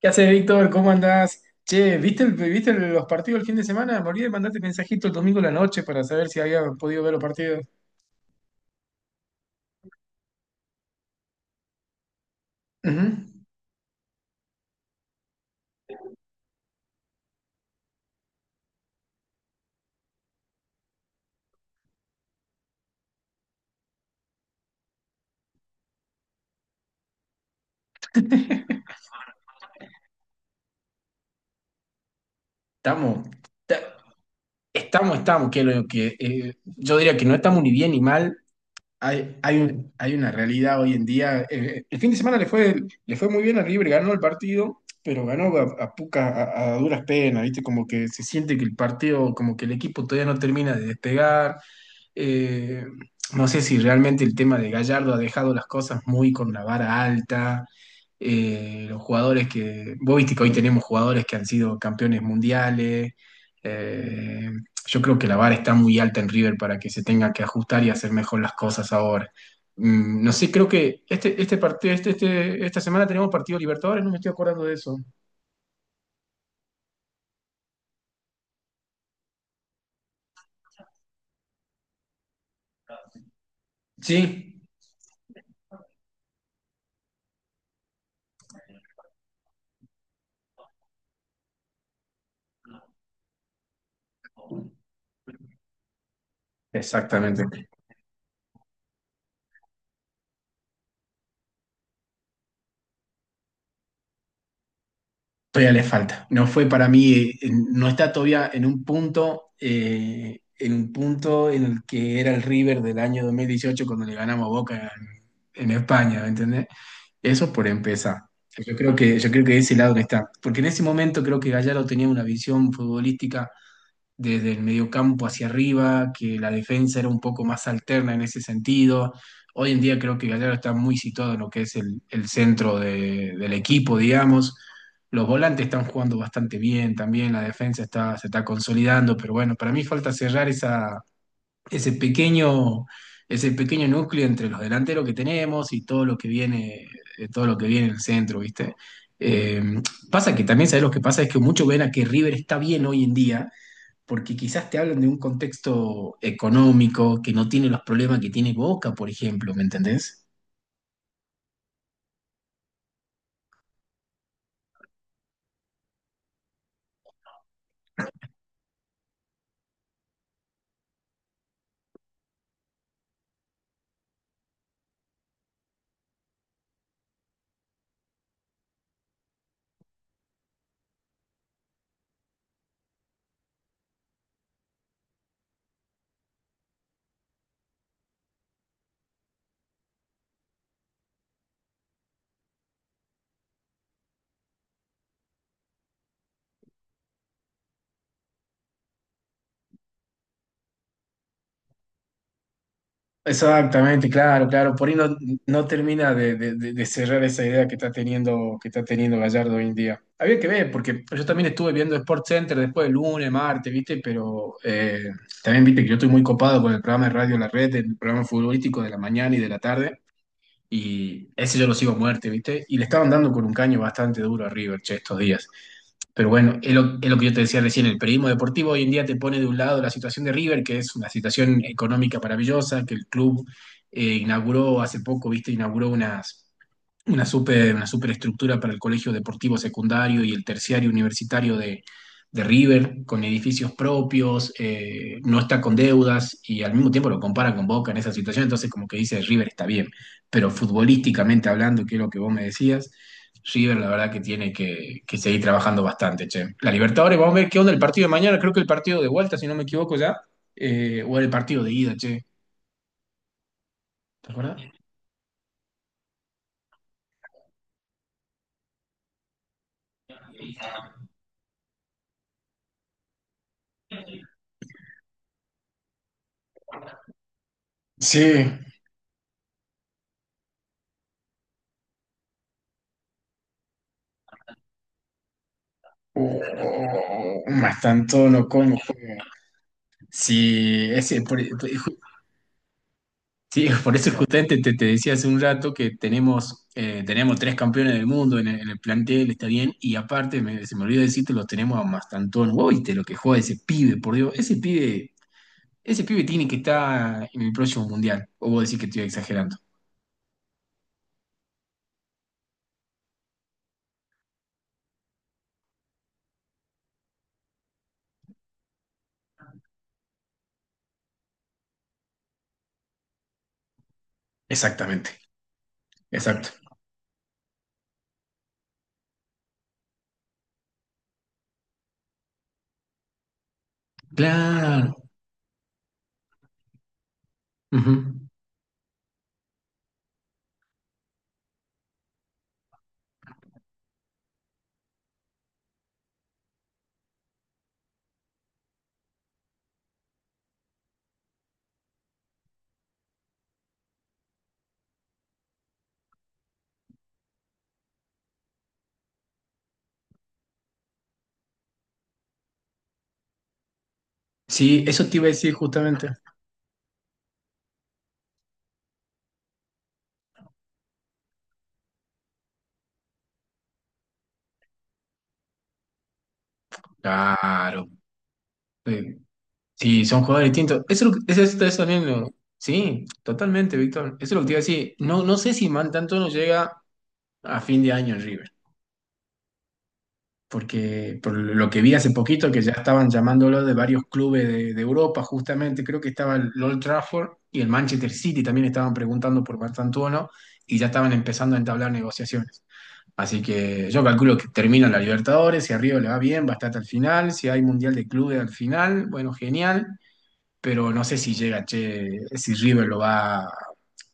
¿Qué haces, Víctor? ¿Cómo andás? Che, ¿viste, viste los partidos el fin de semana? Morí de mandarte mensajito el domingo a la noche para saber si había podido ver los partidos. Ujú. Estamos, ta- estamos, estamos, que, lo, que Yo diría que no estamos ni bien ni mal. Hay una realidad hoy en día. El fin de semana le fue muy bien al River, ganó el partido, pero ganó a duras penas, ¿viste? Como que se siente que el partido, como que el equipo todavía no termina de despegar. Eh, no sé si realmente el tema de Gallardo ha dejado las cosas muy con la vara alta. Los jugadores que, vos viste que hoy tenemos jugadores que han sido campeones mundiales. Eh, yo creo que la vara está muy alta en River para que se tenga que ajustar y hacer mejor las cosas ahora. Mm, no sé, creo que este partido, esta semana tenemos partido Libertadores, no me estoy acordando de eso. Sí, exactamente. Todavía le falta. No fue para mí, no está todavía en un punto, en un punto en el que era el River del año 2018 cuando le ganamos a Boca en España, ¿me entendés? Eso por empezar. Yo creo que de ese lado que está. Porque en ese momento creo que Gallardo tenía una visión futbolística desde el mediocampo hacia arriba, que la defensa era un poco más alterna en ese sentido. Hoy en día creo que Gallardo está muy situado en lo que es el del equipo, digamos. Los volantes están jugando bastante bien también, la defensa está, se está consolidando, pero bueno, para mí falta cerrar ese pequeño, ese pequeño núcleo entre los delanteros que tenemos y todo lo que viene, todo lo que viene en el centro, ¿viste? Eh, Pasa que también, ¿sabes lo que pasa? Es que muchos ven a que River está bien hoy en día, porque quizás te hablan de un contexto económico que no tiene los problemas que tiene Boca, por ejemplo, ¿me entendés? Exactamente, claro, claro. Por ahí no termina de cerrar esa idea que está teniendo Gallardo hoy en día. Había que ver, porque yo también estuve viendo Sport Center después del lunes, martes, ¿viste? Pero también viste que yo estoy muy copado con el programa de Radio La Red, el programa futbolístico de la mañana y de la tarde. Y ese yo lo sigo a muerte, ¿viste? Y le estaban dando con un caño bastante duro a River, che, estos días. Pero bueno, es lo que yo te decía recién, el periodismo deportivo hoy en día te pone de un lado la situación de River, que es una situación económica maravillosa, que el club inauguró hace poco, ¿viste? Inauguró una superestructura para el colegio deportivo secundario y el terciario universitario de River, con edificios propios, no está con deudas y al mismo tiempo lo compara con Boca en esa situación, entonces como que dice River está bien, pero futbolísticamente hablando, que es lo que vos me decías, River la verdad que tiene que seguir trabajando bastante, che. La Libertadores, vamos a ver qué onda el partido de mañana, creo que el partido de vuelta, si no me equivoco ya, o el partido de ida, che, ¿te acuerdas? Sí, oh, más tanto no como. Sí, ese, por- sí, por eso justamente te decía hace un rato que tenemos, tenemos tres campeones del mundo en en el plantel, está bien, y aparte, se me olvidó decirte, lo tenemos a Mastantón, uy, lo que juega ese pibe, por Dios, ese pibe tiene que estar en el próximo mundial, o vos decís que estoy exagerando. Exactamente, exacto. Claro. Ujú. Sí, eso te iba a decir justamente. Claro. Sí, son jugadores distintos. Eso es también lo- Sí, totalmente, Víctor. Eso es lo que te iba a decir. No, no sé si Man tanto no llega a fin de año en River, porque por lo que vi hace poquito que ya estaban llamándolo de varios clubes de Europa, justamente, creo que estaba el Old Trafford y el Manchester City también estaban preguntando por Martantuono y ya estaban empezando a entablar negociaciones. Así que yo calculo que termina la Libertadores, si a River le va bien, va a estar hasta el final, si hay Mundial de Clubes al final, bueno, genial, pero no sé si llega, che, si River lo va.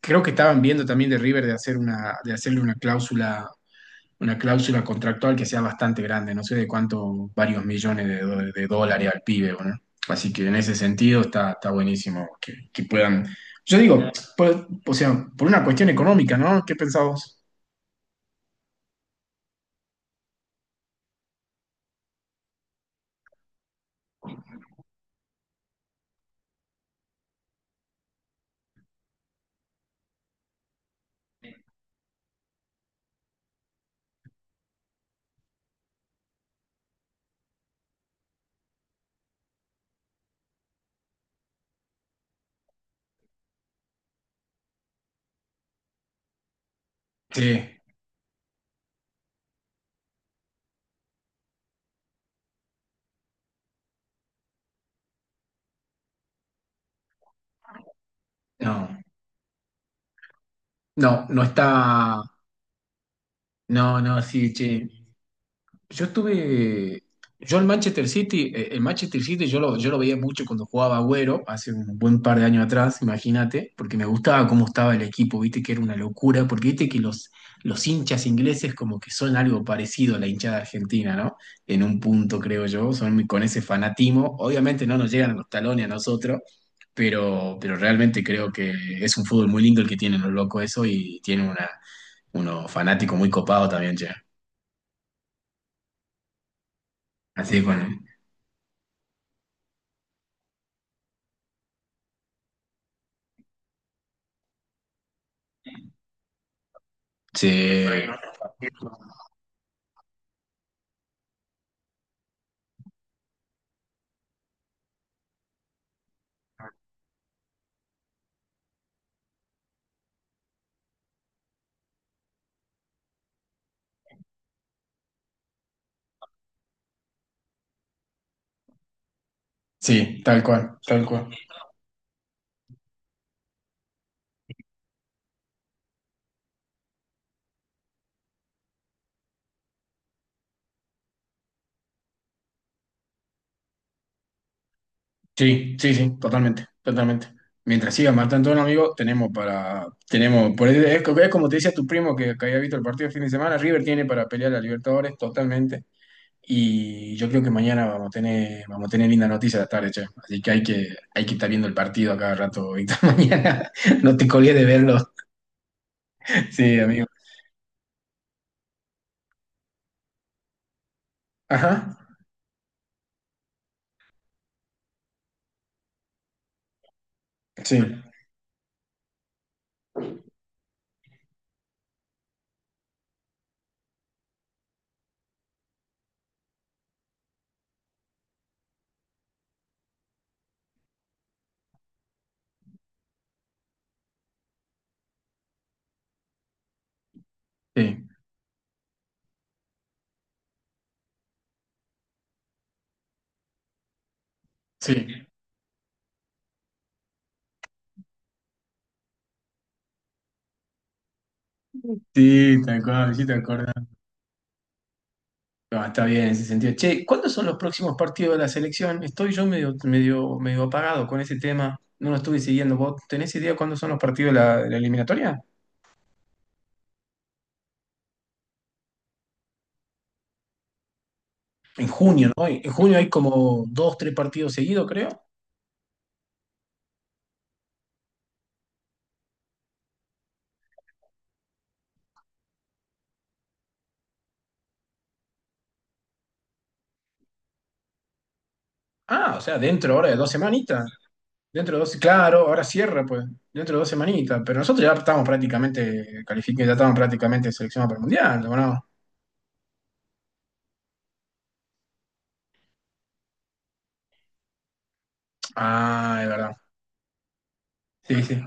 Creo que estaban viendo también de River de hacer una, de hacerle una cláusula contractual que sea bastante grande, no sé de cuánto, varios millones de dólares al pibe, ¿o ¿no? Así que en ese sentido está, está buenísimo que puedan. Yo digo, o sea, por una cuestión económica, ¿no? ¿Qué pensabas? Sí, no, no, no está. No, no, sí, che. Yo estuve, yo el Manchester City yo lo veía mucho cuando jugaba Agüero, hace un buen par de años atrás, imagínate, porque me gustaba cómo estaba el equipo, viste que era una locura, porque viste que los hinchas ingleses como que son algo parecido a la hinchada argentina, ¿no? En un punto, creo yo, son muy- con ese fanatismo, obviamente no nos llegan a los talones a nosotros, pero realmente creo que es un fútbol muy lindo el que tienen los locos eso y tienen unos fanáticos muy copados también, ya. Así que bueno. Sí, sí, tal cual, tal cual. Sí, sí, sí, totalmente, totalmente. Mientras siga matando a un amigo, tenemos para, tenemos, por eso es como te decía tu primo que había visto el partido el fin de semana, River tiene para pelear a Libertadores totalmente. Y yo creo que mañana vamos a tener linda noticia de la tarde, che. Así que hay que, hay que estar viendo el partido a cada rato, Víctor. Mañana no te colgues de verlo. Sí, amigo. Ajá. Sí, sí, sí. Sí, tal cual, sí, te acuerdo. No, está bien en ese sentido. Che, ¿cuándo son los próximos partidos de la selección? Estoy yo medio, medio, medio apagado con ese tema. No lo estuve siguiendo. ¿Vos tenés idea cuándo son los partidos de la eliminatoria? En junio, ¿no? En junio hay como dos, tres partidos seguidos, creo. Ah, o sea, dentro ahora de dos semanitas. Dentro de dos, claro, ahora cierra, pues. Dentro de dos semanitas. Pero nosotros ya estamos prácticamente calificados, ya estamos prácticamente seleccionados para el mundial, ¿o no? Ah, es verdad. Sí, sí.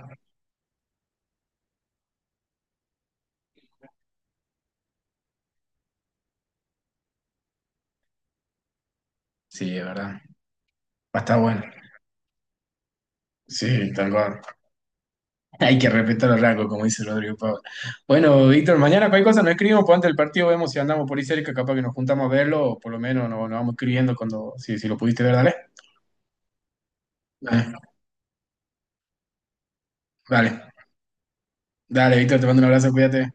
Sí, es verdad. Va a estar bueno. Sí, tal cual. Hay que respetar el rango, como dice Rodrigo Pablo. Bueno, Víctor, mañana cualquier cosa nos escribimos, pues antes del partido vemos si andamos por ahí cerca, capaz que nos juntamos a verlo, o por lo menos nos vamos escribiendo cuando, si lo pudiste ver, dale. Dale, dale, dale, Víctor, te mando un abrazo, cuídate.